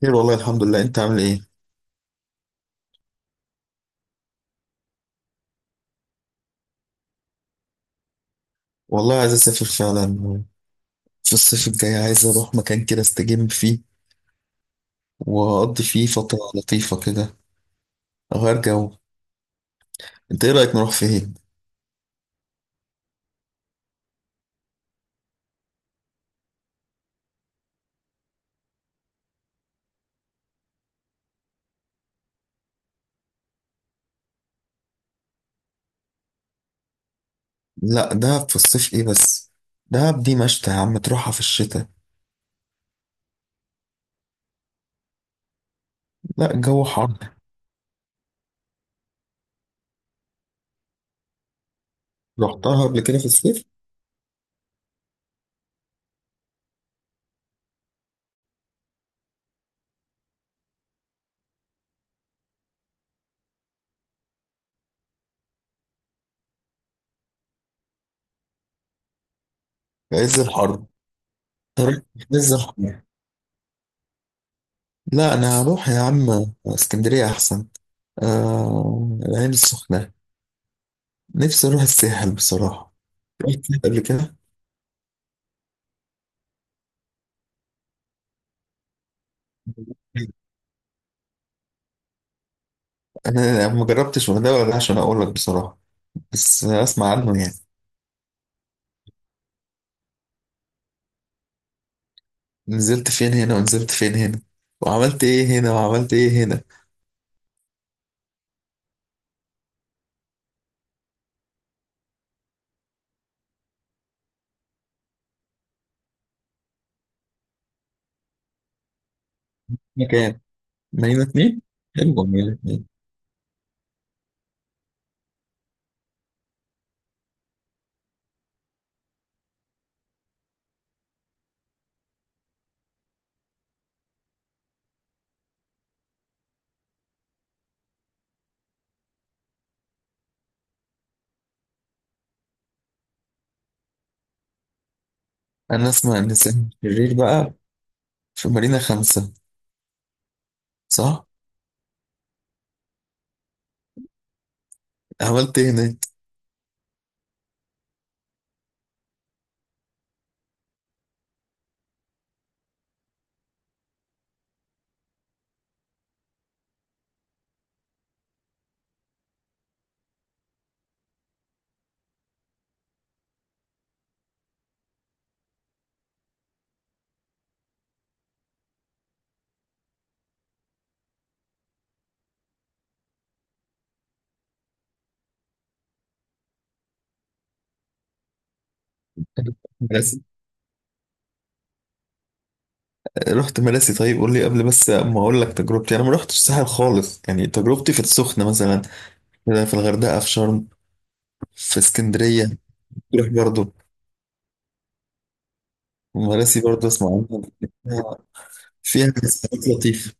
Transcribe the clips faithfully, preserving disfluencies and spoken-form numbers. خير والله. الحمد لله، انت عامل ايه؟ والله عايز اسافر فعلا. في الصيف الجاي عايز اروح مكان كده استجم فيه واقضي فيه فترة لطيفة كده، اغير جو. انت ايه رأيك نروح فين؟ لا، دهب في الصيف ايه بس. دهب دي مشتى يا عم، تروحها في الشتاء. لا، الجو حر. رحتها قبل كده في الصيف. في عز الحر. تروح في عز الحر. لا، انا هروح يا عم. اسكندرية احسن. آه العين السخنة. نفسي اروح الساحل بصراحة. رحت الساحل قبل كده. انا ما جربتش الغردقه ولا ده عشان اقول لك بصراحه، بس اسمع عنه يعني. نزلت فين هنا ونزلت فين هنا، وعملت ايه هنا وعملت ايه هنا. مكان مارينا اتنين. حلو مارينا اتنين. انا اسمع ان ساحل الشرير بقى في مارينا خمسة. صح. عملت ايه هناك؟ مراسي. رحت مراسي. طيب قول لي قبل، بس ما اقول لك تجربتي. انا ما رحتش الساحل خالص يعني. تجربتي في السخنه مثلا، في الغردقه، في شرم، في اسكندريه. تروح برضو مراسي؟ برضو اسمع عنها. فيها ناس لطيف.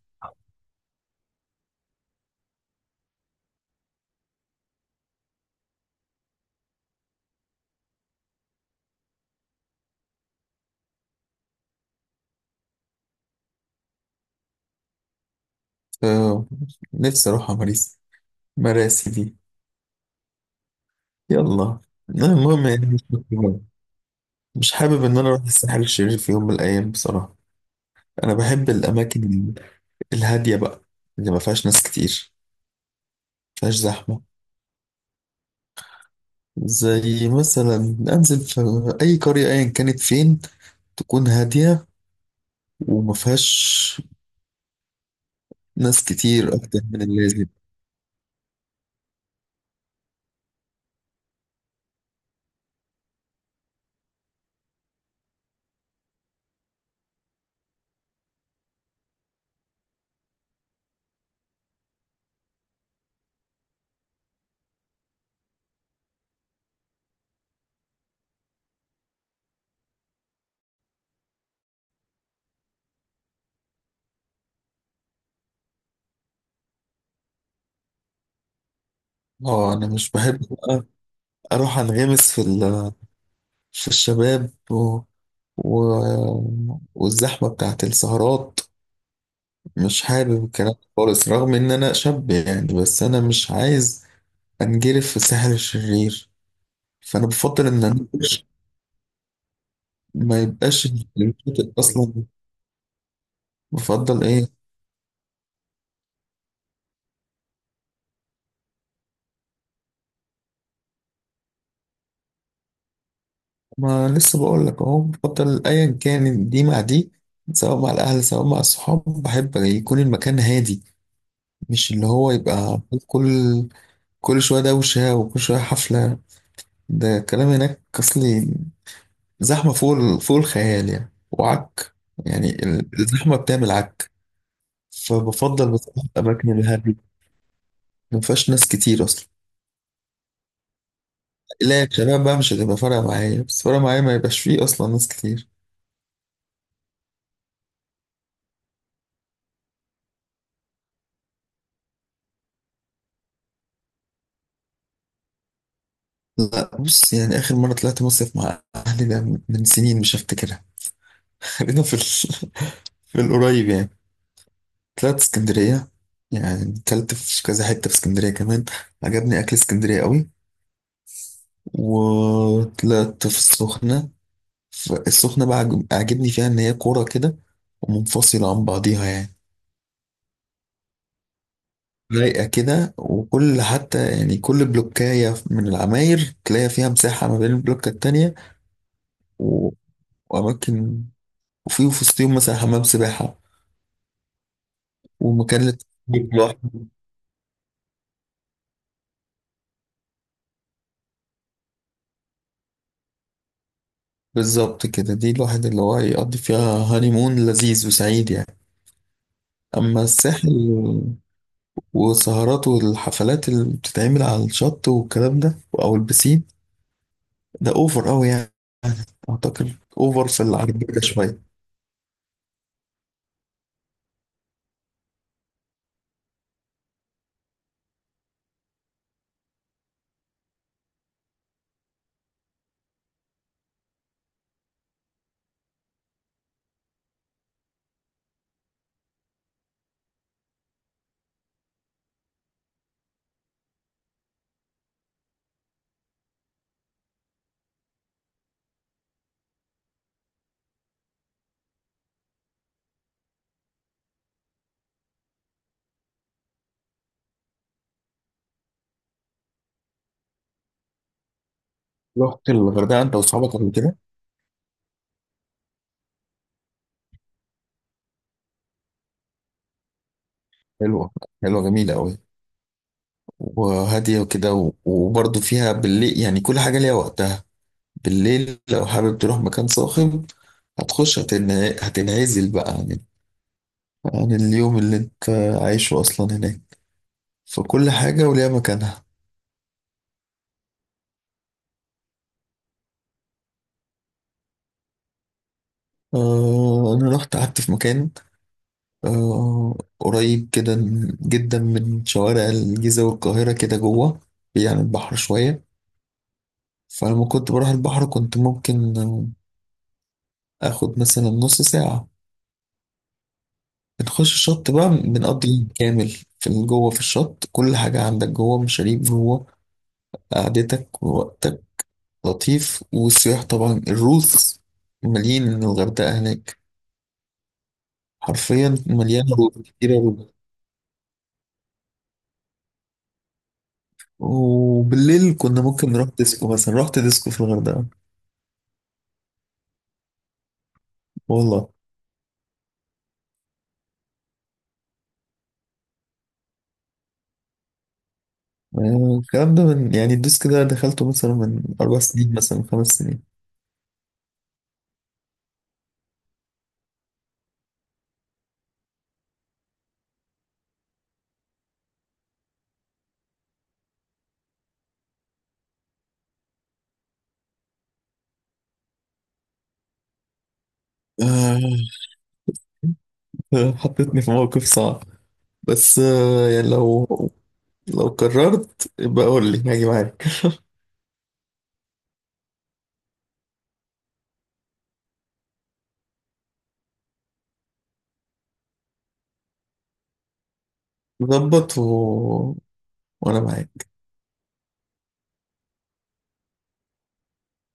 آه، نفسي أروح على مريسي، مراسي دي. يلا. لا، المهم يعني مش مش حابب إن أنا أروح الساحل الشرير في يوم من الأيام بصراحة. أنا بحب الأماكن ال- الهادية بقى، اللي ما فيهاش ناس كتير، ما فيهاش زحمة. زي مثلا أنزل في أي قرية أيا كانت فين، تكون هادية وما فيهاش ناس كتير أكتر من اللازم. اه، انا مش بحب بقى اروح انغمس في ال- في الشباب و- و... والزحمة بتاعت السهرات. مش حابب الكلام ده خالص، رغم إن أنا شاب يعني، بس أنا مش عايز أنجرف في الساحل الشرير. فأنا بفضل إن أنا مش- ما يبقاش الشاطئ أصلا. بفضل إيه؟ ما لسه بقول لك أهو، بفضل أيا كان، دي مع دي. سواء مع الأهل سواء مع الصحاب، بحب يكون المكان هادي. مش اللي هو يبقى كل كل شوية دوشة وكل شوية حفلة. ده الكلام هناك أصلي. زحمة فوق ال- فوق الخيال يعني، وعك يعني. ال- الزحمة بتعمل عك. فبفضل بصراحة الأماكن الهادية، ما فيهاش ناس كتير أصلا. لا شباب بقى مش هتبقى فارقة معايا، بس فارقة معايا ما يبقاش فيه أصلا ناس كتير. لا، بص يعني آخر مرة طلعت مصيف مع أهلي ده من من سنين، مش هفتكرها. خلينا في ال... في القريب يعني. طلعت اسكندرية، يعني أكلت في كذا حتة في اسكندرية كمان، عجبني أكل اسكندرية قوي. وطلعت في السخنة. السخنة بقى عجب- عاجبني فيها إن هي كورة كده، ومنفصلة عن بعضيها يعني، رايقة كده. وكل حتى يعني كل بلوكاية من العماير تلاقي فيها مساحة ما بين البلوكة التانية و- وأماكن، وفي وفي وسطهم مثلا حمام سباحة ومكان للتسليك لوحده. بالظبط كده. دي الواحد اللي هو يقضي فيها هانيمون لذيذ وسعيد يعني. أما الساحل وسهرات والحفلات اللي بتتعمل على الشط والكلام ده أو البسين، ده أوفر أوي يعني. أعتقد أوفر في العجيبة شوية. رحت الغردقة أنت وأصحابك قبل كده؟ حلوة. حلوة جميلة أوي، وهادية وكده، و- وبرضه فيها بالليل يعني كل حاجة ليها وقتها. بالليل لو حابب تروح مكان صاخب، هتخش، هتنع- هتنعزل بقى عن عن اليوم اللي أنت عايشه أصلا هناك. فكل حاجة وليها مكانها. آه أنا رحت قعدت في مكان آه قريب كده جدا من شوارع الجيزة والقاهرة كده جوه، يعني البحر شوية. فلما كنت بروح البحر كنت ممكن آه، اخد مثلا نص ساعة، بنخش الشط بقى بنقضي يوم كامل في جوه. في الشط كل حاجة عندك جوه، مشاريب جوه، قعدتك ووقتك لطيف. والسياح طبعا الروث، مليان الغردقة هناك. حرفيا مليانة روث، كتيرة روث. وبالليل كنا ممكن نروح ديسكو مثلا. رحت ديسكو في الغردقة، والله. آه، الكلام ده من يعني الديسك ده دخلته مثلا من أربع سنين، مثلا من خمس سنين. آه، حطيتني في موقف صعب. بس آه، يعني لو لو قررت يبقى قول لي هاجي معاك. ظبط و... وانا معاك.